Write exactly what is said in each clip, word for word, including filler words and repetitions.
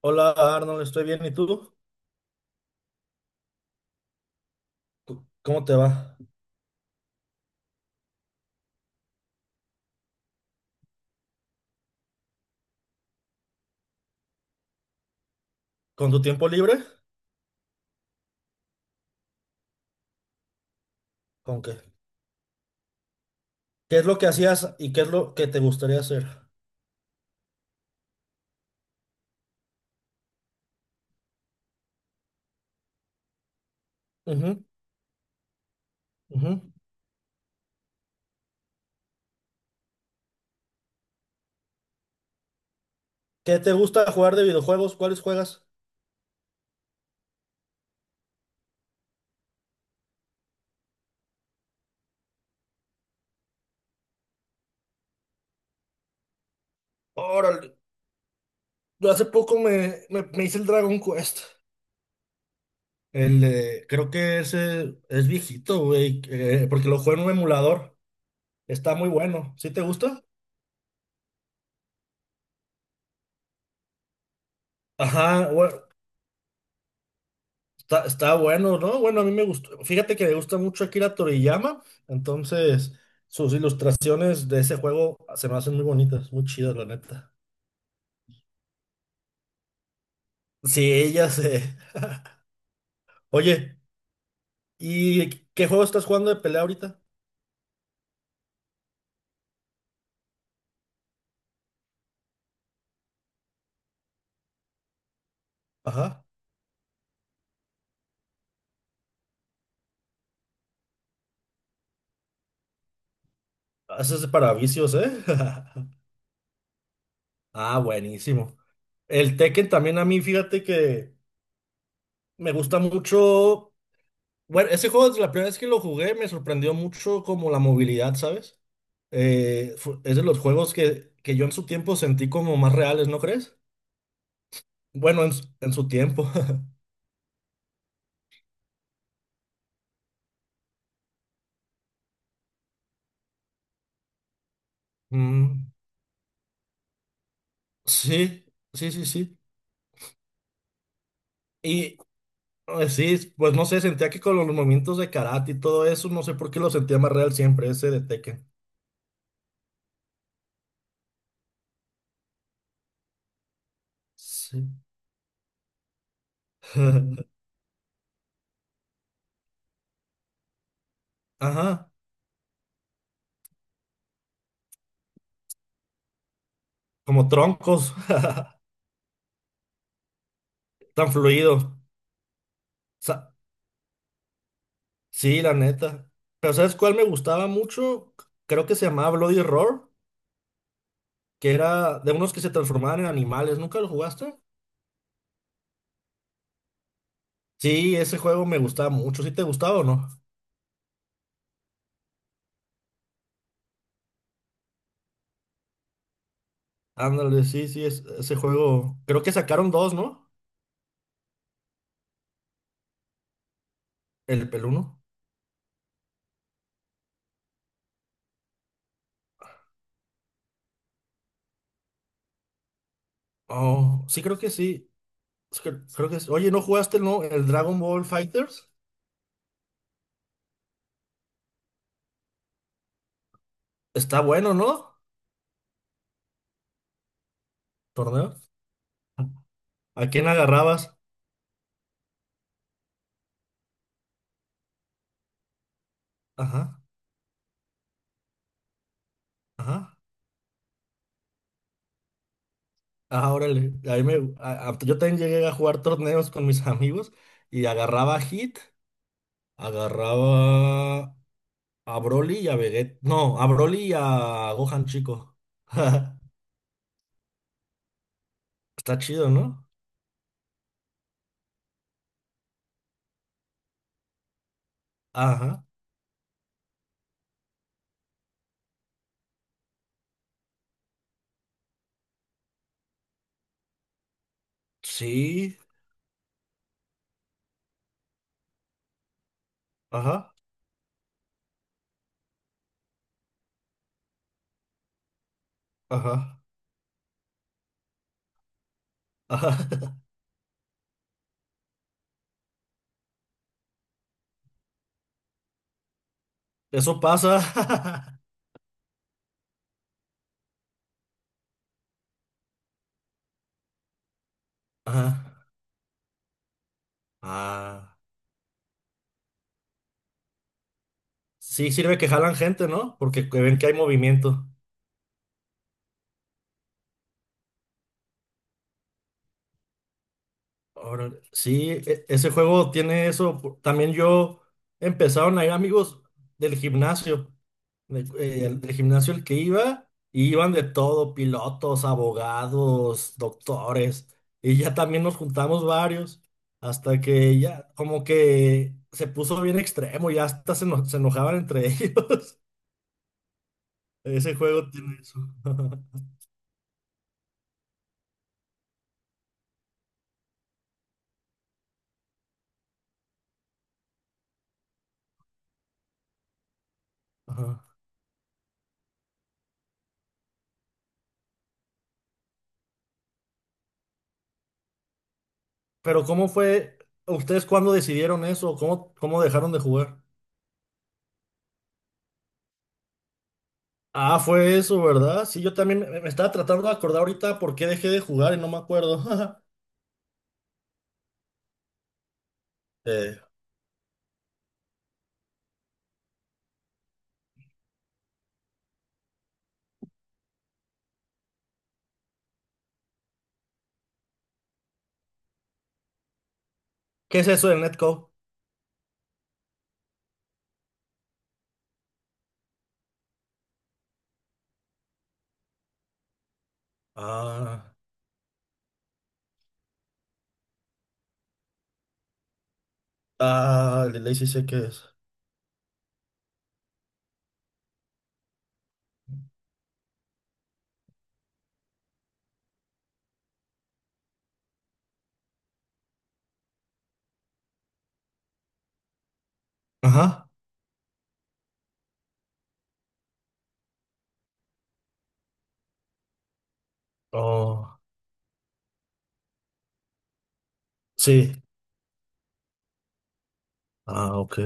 Hola Arnold, estoy bien. ¿Y tú? C- ¿Cómo te va? ¿Con tu tiempo libre? ¿Con qué? ¿Qué es lo que hacías y qué es lo que te gustaría hacer? Ujú, ujú. ¿Qué te gusta jugar de videojuegos? ¿Cuáles juegas? Órale, yo hace poco me, me, me hice el Dragon Quest. El, eh, creo que ese es viejito, güey, eh, porque lo juego en un emulador. Está muy bueno. ¿Sí te gusta? Ajá, bueno. Está, está bueno, ¿no? Bueno, a mí me gustó. Fíjate que me gusta mucho Akira Toriyama, entonces sus ilustraciones de ese juego se me hacen muy bonitas, muy chidas, la neta. Sí, ella se. Oye, ¿y qué juego estás jugando de pelea ahorita? Ajá. Eso es para vicios, ¿eh? Ah, buenísimo. El Tekken también a mí, fíjate que me gusta mucho. Bueno, ese juego, desde la primera vez que lo jugué, me sorprendió mucho como la movilidad, ¿sabes? Eh, fu- es de los juegos que, que yo en su tiempo sentí como más reales, ¿no crees? Bueno, en, su- en su tiempo. Mm, sí, sí, sí, sí. Y eh, sí, pues no sé, sentía que con los movimientos de karate y todo eso, no sé por qué lo sentía más real siempre, ese de Tekken. Sí. Ajá, como troncos, tan fluido. Sa- sí, la neta. Pero ¿sabes cuál me gustaba mucho? Creo que se llamaba Bloody Roar, que era de unos que se transformaban en animales. ¿Nunca lo jugaste? Sí, ese juego me gustaba mucho. ¿Sí te gustaba o no? Ándale, sí, sí, es- ese juego. Creo que sacaron dos, ¿no? El peluno. Oh, sí, creo que sí. Es que- Creo que sí. Oye, ¿no jugaste, no? El Dragon Ball Fighters. Está bueno, ¿no? Torneo. ¿A quién agarrabas? Ajá, ajá. Ah, órale. A mí me- a- a- Yo también llegué a jugar torneos con mis amigos y agarraba a Hit, agarraba a Broly y a Vegeta. No, a Broly y a Gohan Chico. Está chido, ¿no? Ajá. Sí. Ajá. Ajá. Ajá. Eso pasa. Ajá. Ah. Sí, sirve que jalan gente, ¿no? Porque que ven que hay movimiento. Órale. Sí, e- ese juego tiene eso. También yo empezaron a ir amigos del gimnasio. de- eh, al- Del gimnasio al que iba, y iban de todo, pilotos, abogados, doctores, y ya también nos juntamos varios, hasta que ya como que se puso bien extremo, ya hasta se, eno- se enojaban entre ellos. Ese juego tiene eso. Ajá. Pero ¿cómo fue? ¿Ustedes cuándo decidieron eso? ¿Cómo, cómo dejaron de jugar? Ah, fue eso, ¿verdad? Sí, yo también me me estaba tratando de acordar ahorita por qué dejé de jugar y no me acuerdo. Eh, ¿Qué es eso del netcode? Ah, ah, el delay sí sé qué es. Ajá. Oh, sí. Ah, ok.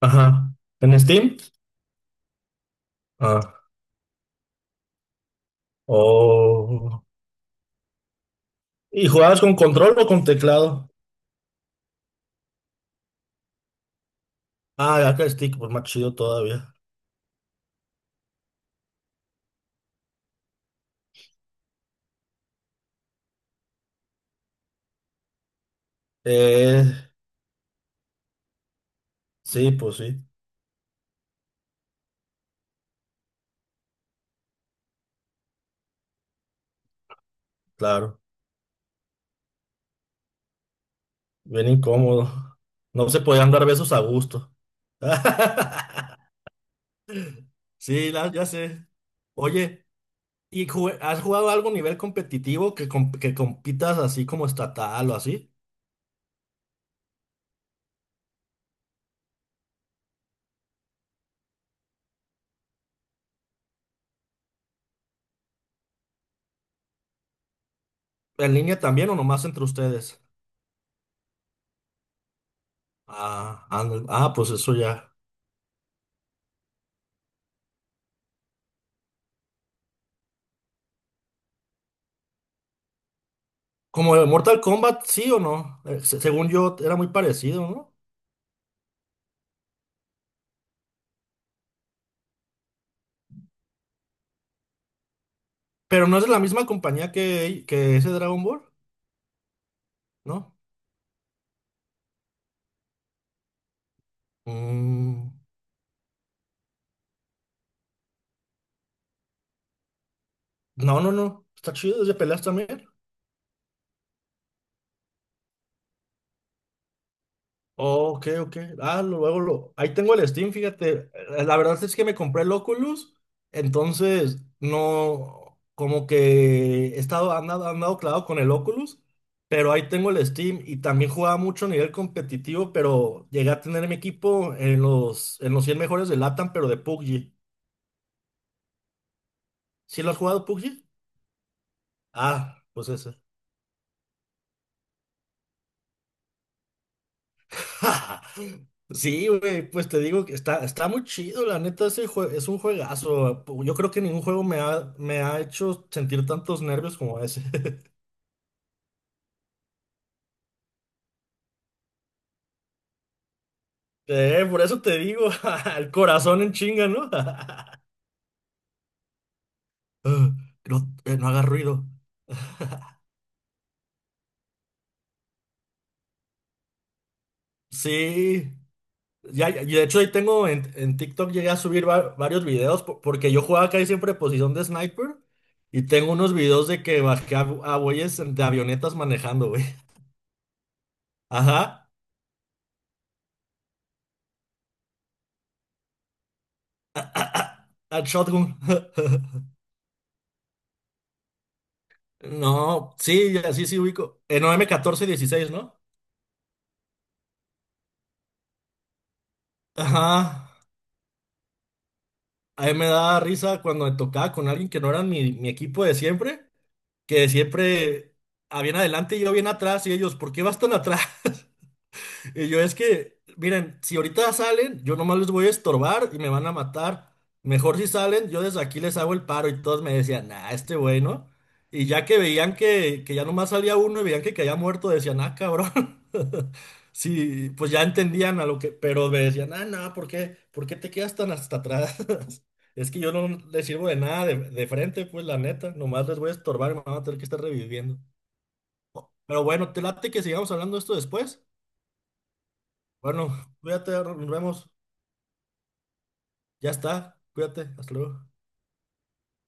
Ajá. ¿En Steam? Ah, oh. ¿Y jugabas con control o con teclado? Ah, ya que stick, pues más chido todavía. Eh, sí, pues sí, claro. Bien incómodo. No se podían dar besos a gusto. Sí, la- ya sé. Oye, ¿y jue- has jugado algo a nivel competitivo que, comp- que compitas así como estatal o así? ¿En línea también o nomás entre ustedes? Ah, ah, no, ah, pues eso ya. Como de Mortal Kombat, sí o no. Eh, se- según yo, era muy parecido, ¿no? Pero no es de la misma compañía que, que ese Dragon Ball, ¿no? Mm, no, no, no. Está chido, es de peleas también. Ok, ok. Ah, lo- luego lo. Ahí tengo el Steam, fíjate. Eh, La verdad es que me compré el Oculus, entonces no. Como que he estado andado, andado clavado con el Oculus, pero ahí tengo el Steam y también jugaba mucho a nivel competitivo, pero llegué a tener mi equipo en los, en los, cien mejores de LATAM, pero de P U B G. ¿Sí lo has jugado P U B G? Ah, pues ese. Sí, güey, pues te digo que está, está muy chido, la neta, ese jue- es un juegazo. Yo creo que ningún juego me ha, me ha hecho sentir tantos nervios como ese. Eh, por eso te digo, el corazón en chinga, ¿no? Ah, no, eh, no haga ruido. Sí, ya, ya- y de hecho ahí tengo en, en TikTok llegué a subir va- varios videos po- porque yo jugaba casi siempre posición de sniper y tengo unos videos de que bajé a, a güeyes de avionetas manejando, güey. Ajá. Al Shotgun. No, sí, ya sí, sí ubico. En m catorce dieciséis, ¿no? Ajá. A mí me da risa cuando me tocaba con alguien que no era mi, mi equipo de siempre, que siempre, a bien adelante y yo bien atrás, y ellos, ¿por qué vas tan atrás? Y yo es que, miren, si ahorita salen, yo nomás les voy a estorbar y me van a matar. Mejor si salen, yo desde aquí les hago el paro y todos me decían, nah, este güey, ¿no? Y ya que veían que, que ya nomás salía uno y veían que caía muerto, decían, ah, cabrón. Sí, pues ya entendían a lo que, pero me decían, ah, no, ¿por qué? ¿Por qué te quedas tan hasta atrás? Es que yo no les sirvo de nada de, de frente, pues la neta, nomás les voy a estorbar y me van a tener que estar reviviendo. Pero bueno, te late que sigamos hablando de esto después. Bueno, cuídate, nos vemos. Ya está, cuídate, hasta luego.